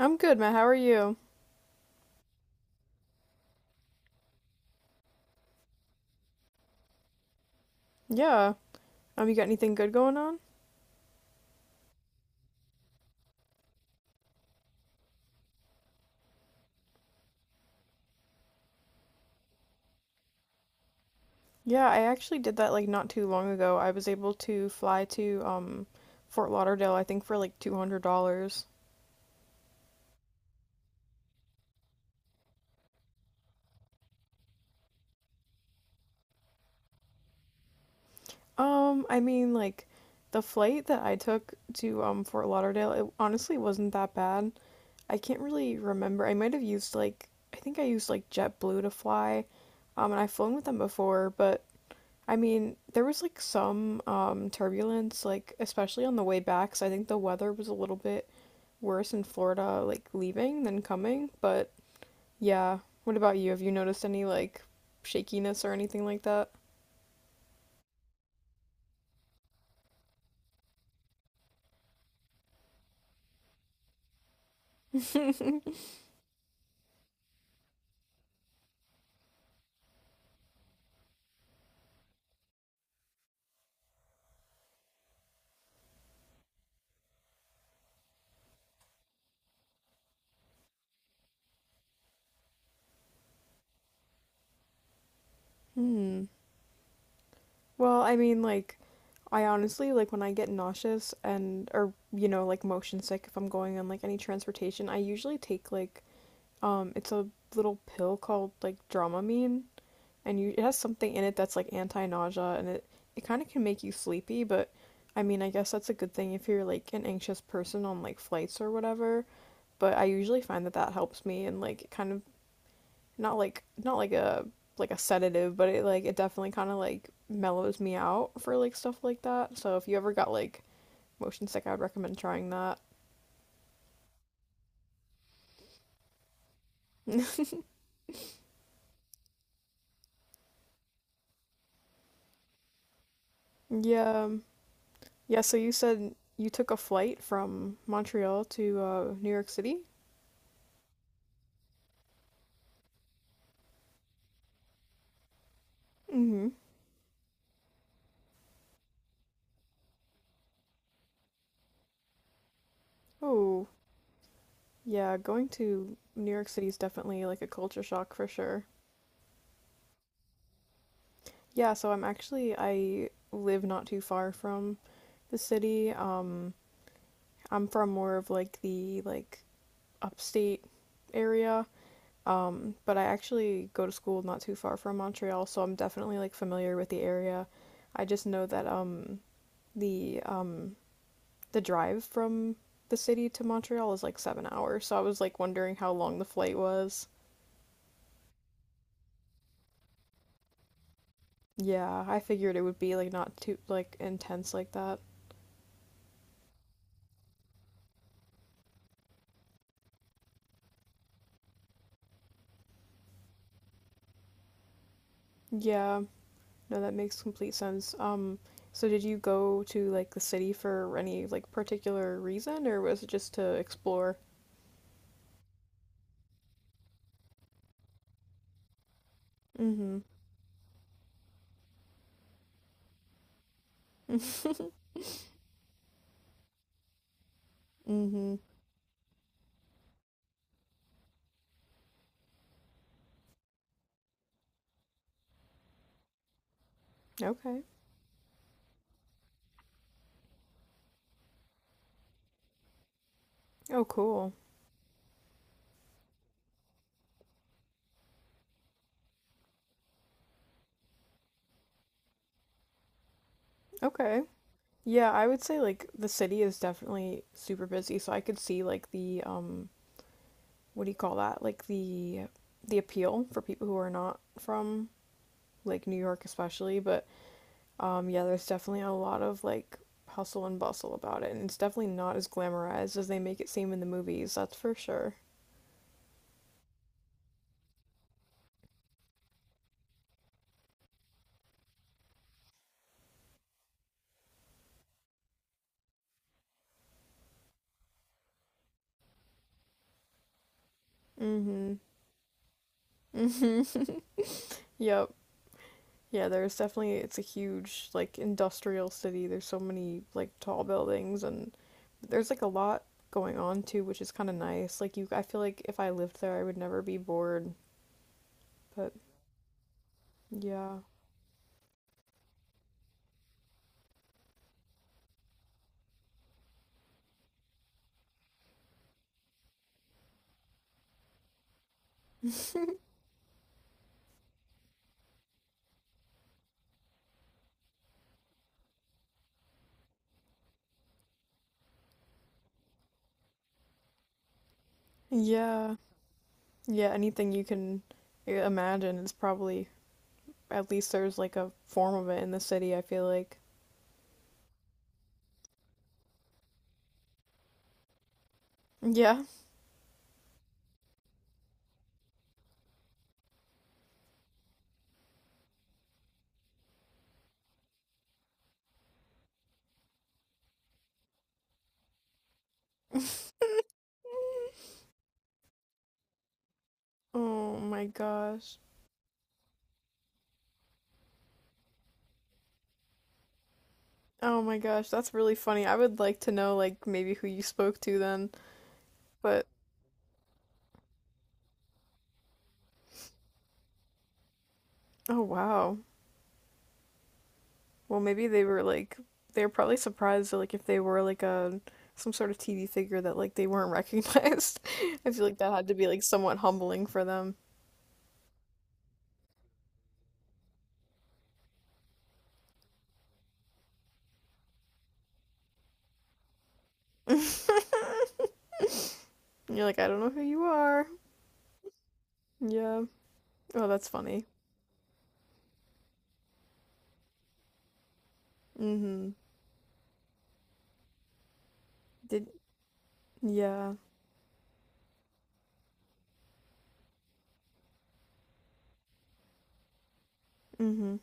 I'm good, Matt. How are you? Yeah. You got anything good going on? Yeah, I actually did that, like, not too long ago. I was able to fly to Fort Lauderdale, I think, for like $200. I mean, like the flight that I took to Fort Lauderdale, it honestly wasn't that bad. I can't really remember. I might have used like I think I used JetBlue to fly. And I've flown with them before, but I mean, there was like some turbulence, like especially on the way back, so I think the weather was a little bit worse in Florida, like leaving than coming, but yeah. What about you? Have you noticed any like shakiness or anything like that? Hmm. Well, I mean, like, I honestly, like, when I get nauseous and, or, you know, like, motion sick, if I'm going on like any transportation, I usually take, like, it's a little pill called like Dramamine, and you it has something in it that's like anti-nausea, and it kind of can make you sleepy, but I mean, I guess that's a good thing if you're like an anxious person on like flights or whatever. But I usually find that that helps me, and like it kind of not like not like a like a sedative, but it like it definitely kind of like mellows me out for like stuff like that. So if you ever got like motion sick, I would recommend trying that. Yeah. Yeah, so you said you took a flight from Montreal to New York City? Mm-hmm. Oh, yeah, going to New York City is definitely like a culture shock for sure. Yeah, so I'm actually, I live not too far from the city. I'm from more of like the like upstate area. But I actually go to school not too far from Montreal, so I'm definitely like familiar with the area. I just know that the um the drive from the city to Montreal is like 7 hours, so I was like wondering how long the flight was. Yeah, I figured it would be like not too like intense like that. Yeah, no, that makes complete sense. So did you go to like the city for any like particular reason, or was it just to explore? Mm-hmm. Mm-hmm. Okay. Oh, cool. Okay. Yeah, I would say like the city is definitely super busy, so I could see like the what do you call that? Like the appeal for people who are not from like New York especially, but yeah, there's definitely a lot of like hustle and bustle about it, and it's definitely not as glamorized as they make it seem in the movies. That's for sure. Mhm. Mhm. Yep. Yeah, there's definitely it's a huge like industrial city. There's so many like tall buildings, and there's like a lot going on too, which is kind of nice. Like you I feel like if I lived there, I would never be bored, but yeah. Yeah. Yeah, anything you can imagine is probably at least there's like a form of it in the city, I feel like. Yeah. Oh my gosh. Oh my gosh, that's really funny. I would like to know like maybe who you spoke to then. But oh, wow. Well, maybe they were like they were probably surprised that like if they were like a some sort of TV figure that like they weren't recognized. I feel like that had to be like somewhat humbling for them. You're like, I don't know who you are. Yeah. Oh, that's funny. Mm-hmm. Did yeah. Mm-hmm.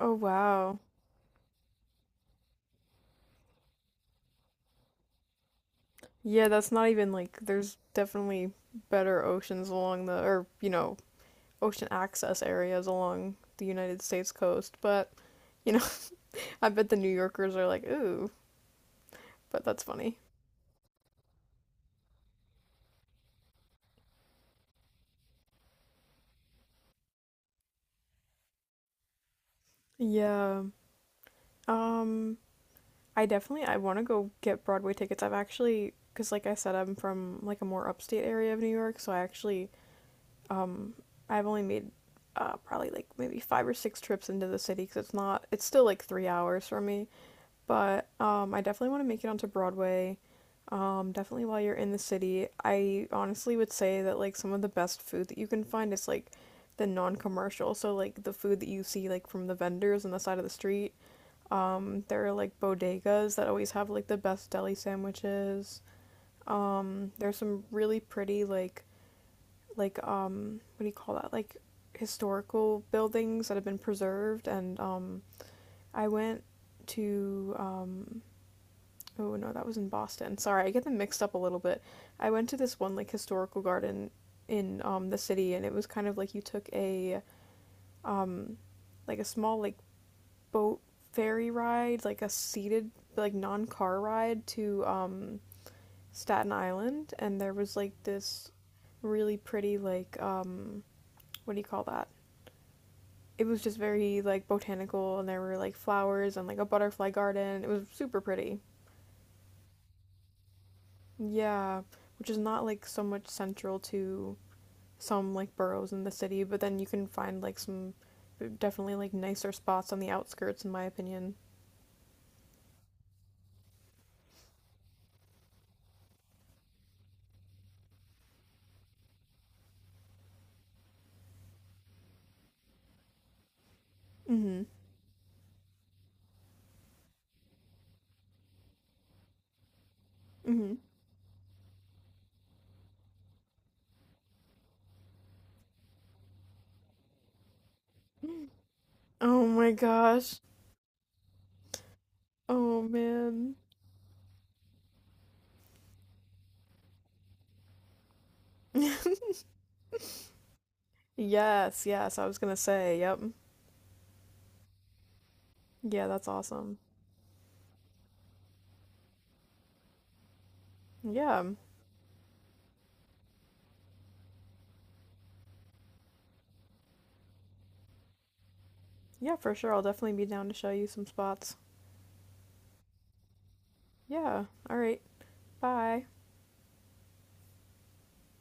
Oh, wow. Yeah, that's not even like there's definitely better oceans along the or, you know, ocean access areas along the United States coast, but you know, I bet the New Yorkers are like, "Ooh," but that's funny. Yeah. Um, I definitely I want to go get Broadway tickets. I've actually because like I said, I'm from like a more upstate area of New York, so I actually I've only made probably like maybe five or six trips into the city because it's not, it's still like 3 hours from me. But I definitely want to make it onto Broadway. Definitely while you're in the city. I honestly would say that like some of the best food that you can find is like the non-commercial. So like the food that you see like from the vendors on the side of the street. There are like bodegas that always have like the best deli sandwiches. There's some really pretty like what do you call that, like historical buildings that have been preserved, and I went to oh no, that was in Boston, sorry, I get them mixed up a little bit. I went to this one like historical garden in the city, and it was kind of like you took a like a small like boat ferry ride, like a seated like non-car ride to Staten Island, and there was like this really pretty like what do you call that, it was just very like botanical and there were like flowers and like a butterfly garden. It was super pretty. Yeah, which is not like so much central to some like boroughs in the city, but then you can find like some definitely like nicer spots on the outskirts, in my opinion. Mhm. Mhm. Oh my gosh. Oh man. Yes, yes. I was going to say, yep. Yeah, that's awesome. Yeah. Yeah, for sure. I'll definitely be down to show you some spots. Yeah. All right. Bye.